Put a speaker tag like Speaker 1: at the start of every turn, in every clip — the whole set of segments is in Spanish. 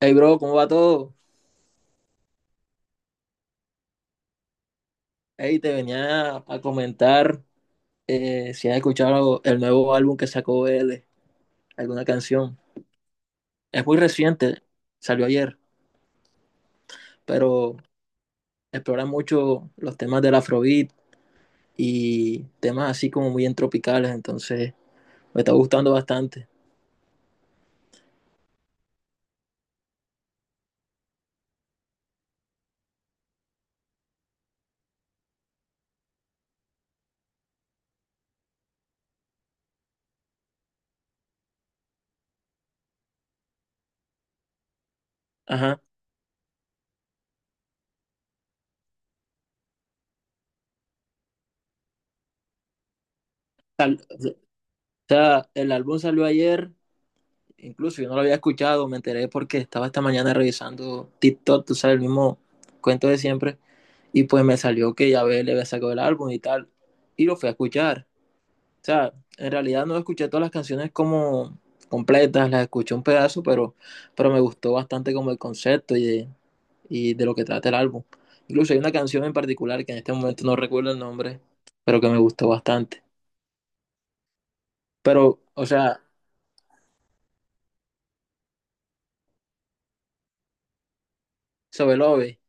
Speaker 1: Hey, bro, ¿cómo va todo? Hey, te venía a comentar si has escuchado el nuevo álbum que sacó él, alguna canción. Es muy reciente, salió ayer, pero explora mucho los temas del Afrobeat y temas así como muy entropicales, entonces me está gustando bastante. Ajá. O sea, el álbum salió ayer. Incluso yo no lo había escuchado, me enteré porque estaba esta mañana revisando TikTok, tú sabes, el mismo cuento de siempre. Y pues me salió que Yabel le había sacado el álbum y tal. Y lo fui a escuchar. O sea, en realidad no escuché todas las canciones como completas, las escuché un pedazo, pero me gustó bastante como el concepto y de lo que trata el álbum. Incluso hay una canción en particular que en este momento no recuerdo el nombre, pero que me gustó bastante. Pero, o sea, sobre Love.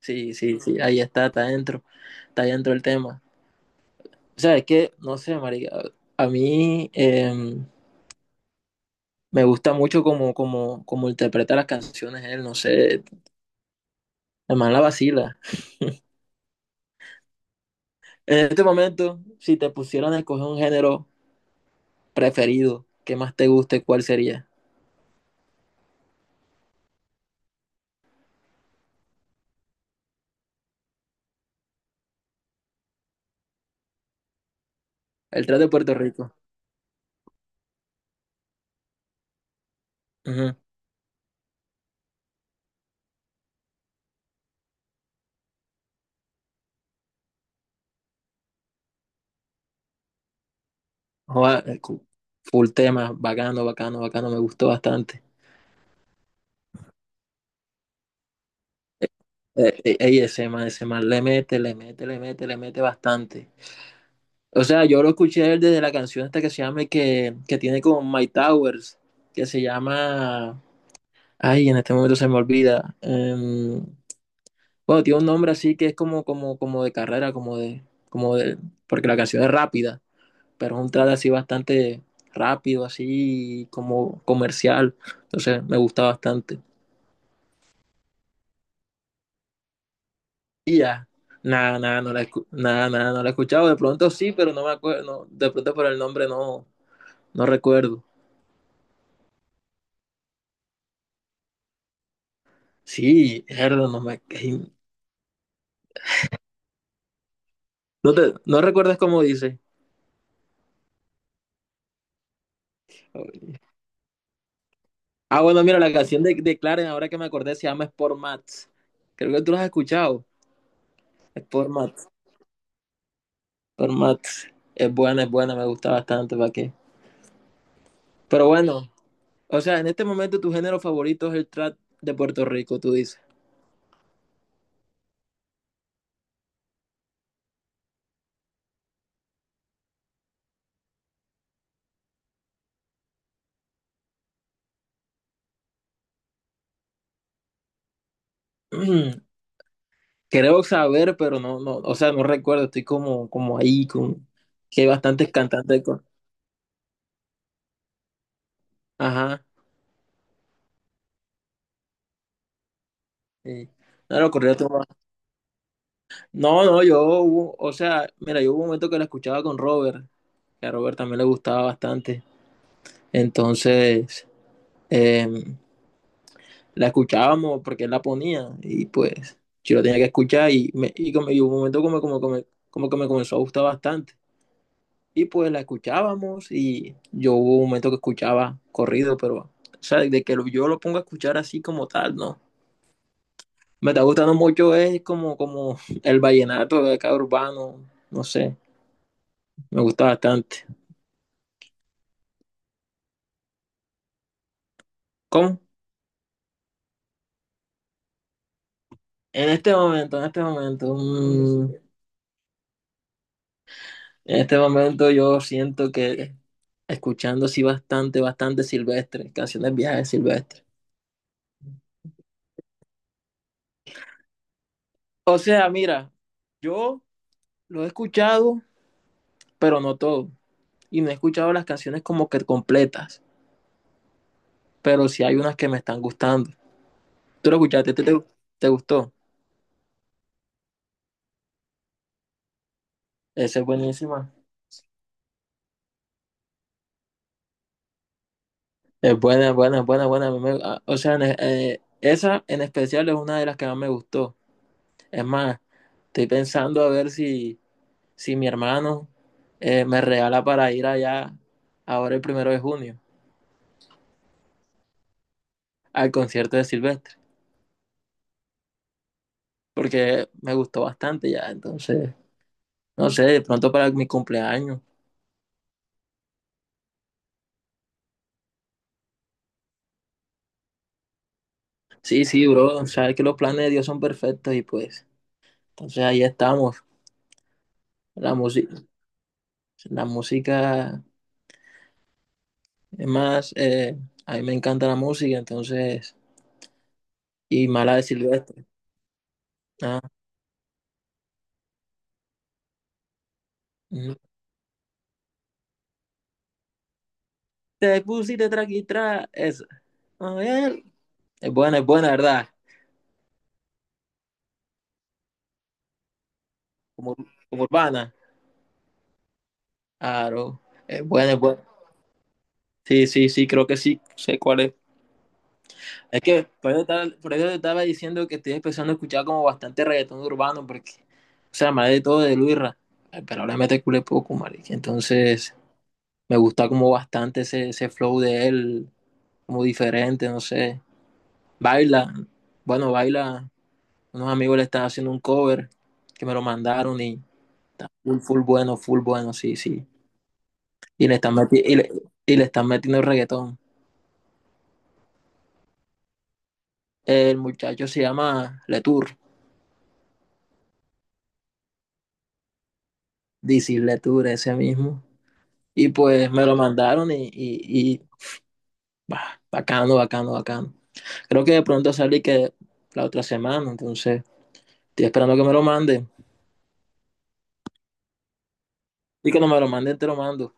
Speaker 1: Sí, sí, sí, ahí está, está dentro el tema. O sea, es que, no sé, marica, a mí me gusta mucho como, como, como interpreta las canciones él, no sé, además la vacila. En este momento, si te pusieran a escoger un género preferido, que más te guste, ¿cuál sería? El trap de Puerto Rico. Ujú. Joda, full tema, bacano, bacano, bacano, me gustó bastante. Ey, ese man le mete, le mete, le mete, le mete bastante. O sea, yo lo escuché desde la canción esta que se llama, que tiene con My Towers, que se llama, ay, en este momento se me olvida. Bueno, tiene un nombre así que es como, como, como de carrera, como de, porque la canción es rápida, pero es un trad así bastante rápido, así como comercial. Entonces me gusta bastante. Y ya, nada, nada, no la he escuchado. De pronto sí, pero no me acuerdo, no, de pronto por el nombre no, no recuerdo. Sí, Erdo, ¿no, te, no recuerdas cómo dice? Ah, bueno, mira, la canción de Clarence, ahora que me acordé, se llama Sport Mats. Creo que tú la has escuchado. Sport Mats, Sport Mats. Es buena, me gusta bastante, ¿para qué? Pero bueno, o sea, en este momento tu género favorito es el trap de Puerto Rico, tú dices. Creo saber, pero no, no, o sea, no recuerdo, estoy como, como ahí, con, que hay bastantes cantantes con... Ajá, sí. No lo corrido. No, no, o sea, mira, yo hubo un momento que la escuchaba con Robert, que a Robert también le gustaba bastante. Entonces, em, la escuchábamos porque él la ponía y pues yo la tenía que escuchar y hubo un momento como que me comenzó a gustar bastante. Y pues la escuchábamos y yo hubo un momento que escuchaba corrido, pero, o sea, yo lo pongo a escuchar así como tal, ¿no? Me está gustando mucho es como, como el vallenato de acá urbano, no sé, me gusta bastante. ¿Cómo? En este momento, mm, en este momento yo siento que escuchando sí bastante, bastante Silvestre, canciones viejas de Silvestre. O sea, mira, yo lo he escuchado, pero no todo. Y no he escuchado las canciones como que completas, pero sí hay unas que me están gustando. ¿Tú lo escuchaste? ¿Te gustó? Esa es buenísima. Es buena, buena, buena, buena. A mí me- a- O sea, esa en especial es una de las que más me gustó. Es más, estoy pensando a ver si, si mi hermano me regala para ir allá ahora el primero de junio al concierto de Silvestre, porque me gustó bastante ya, entonces, no sé, de pronto para mi cumpleaños. Sí, sí, bro, sabes que los planes de Dios son perfectos y pues, entonces ahí estamos. La música, la música, es más, a mí me encanta la música, entonces, y mala de Silvestre. Ah, ujú. Te pusiste traqui tra, eso. A ver. Es buena, ¿verdad? Como, como urbana. Claro. Es buena, es buena. Sí, sí, sí, creo que sí. Sé cuál es. Es que por eso, estaba, por eso te estaba diciendo que estoy empezando a escuchar como bastante reggaetón urbano, porque, o sea, más de todo de Luisra. Ay, pero ahora me te culé poco, marica. Entonces, me gusta como bastante ese, ese flow de él, como diferente, no sé. Baila, bueno, baila. Unos amigos le están haciendo un cover que me lo mandaron y está full, full bueno, sí, sí. Y le están meti- y le, y le están metiendo reggaetón. El muchacho se llama Letour, DC Letour, ese mismo. Y pues me lo mandaron bah, bacano, bacano, bacano. Creo que de pronto sale que la otra semana, entonces estoy esperando que me lo manden. Y cuando me lo manden, te lo mando.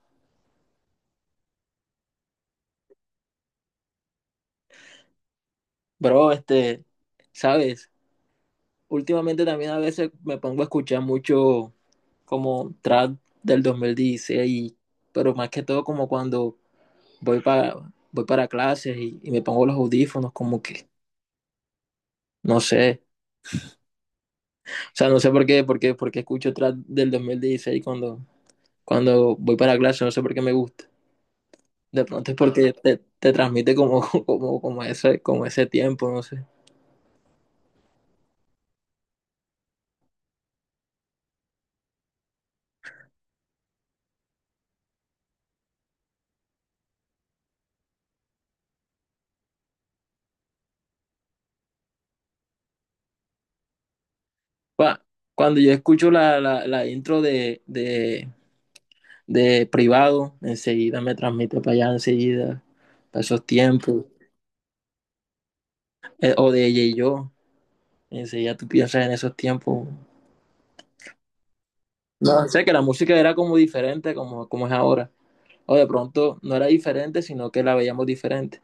Speaker 1: Bro, este, ¿sabes? Últimamente también a veces me pongo a escuchar mucho como trap del 2016, pero más que todo como cuando voy para, voy para clases y me pongo los audífonos como que, no sé, o sea, no sé por qué escucho trap del 2016 cuando, cuando voy para clases, no sé por qué me gusta. De pronto es porque te transmite como, como, como ese tiempo, no sé. Cua- Cuando yo escucho la intro de privado, enseguida me transmite para allá, enseguida, para esos tiempos. O de ella y yo, enseguida tú piensas en esos tiempos. No sé, que la música era como diferente, como, como es ahora. O de pronto no era diferente, sino que la veíamos diferente.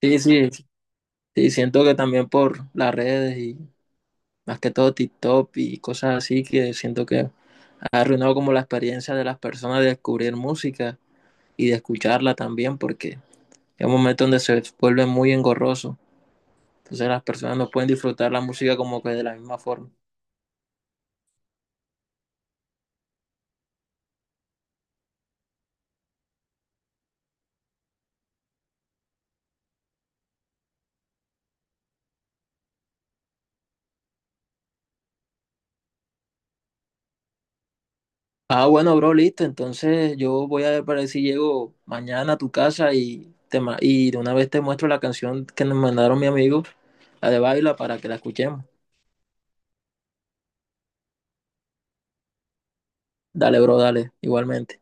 Speaker 1: Sí, sí, sí, siento que también por las redes y más que todo TikTok y cosas así, que siento que ha arruinado como la experiencia de las personas de descubrir música y de escucharla también, porque es un momento donde se vuelve muy engorroso. Entonces las personas no pueden disfrutar la música como que de la misma forma. Ah, bueno, bro, listo. Entonces yo voy a ver para ver si llego mañana a tu casa y de una vez te muestro la canción que nos mandaron mi amigo, la de Baila, para que la escuchemos. Dale, bro, dale, igualmente.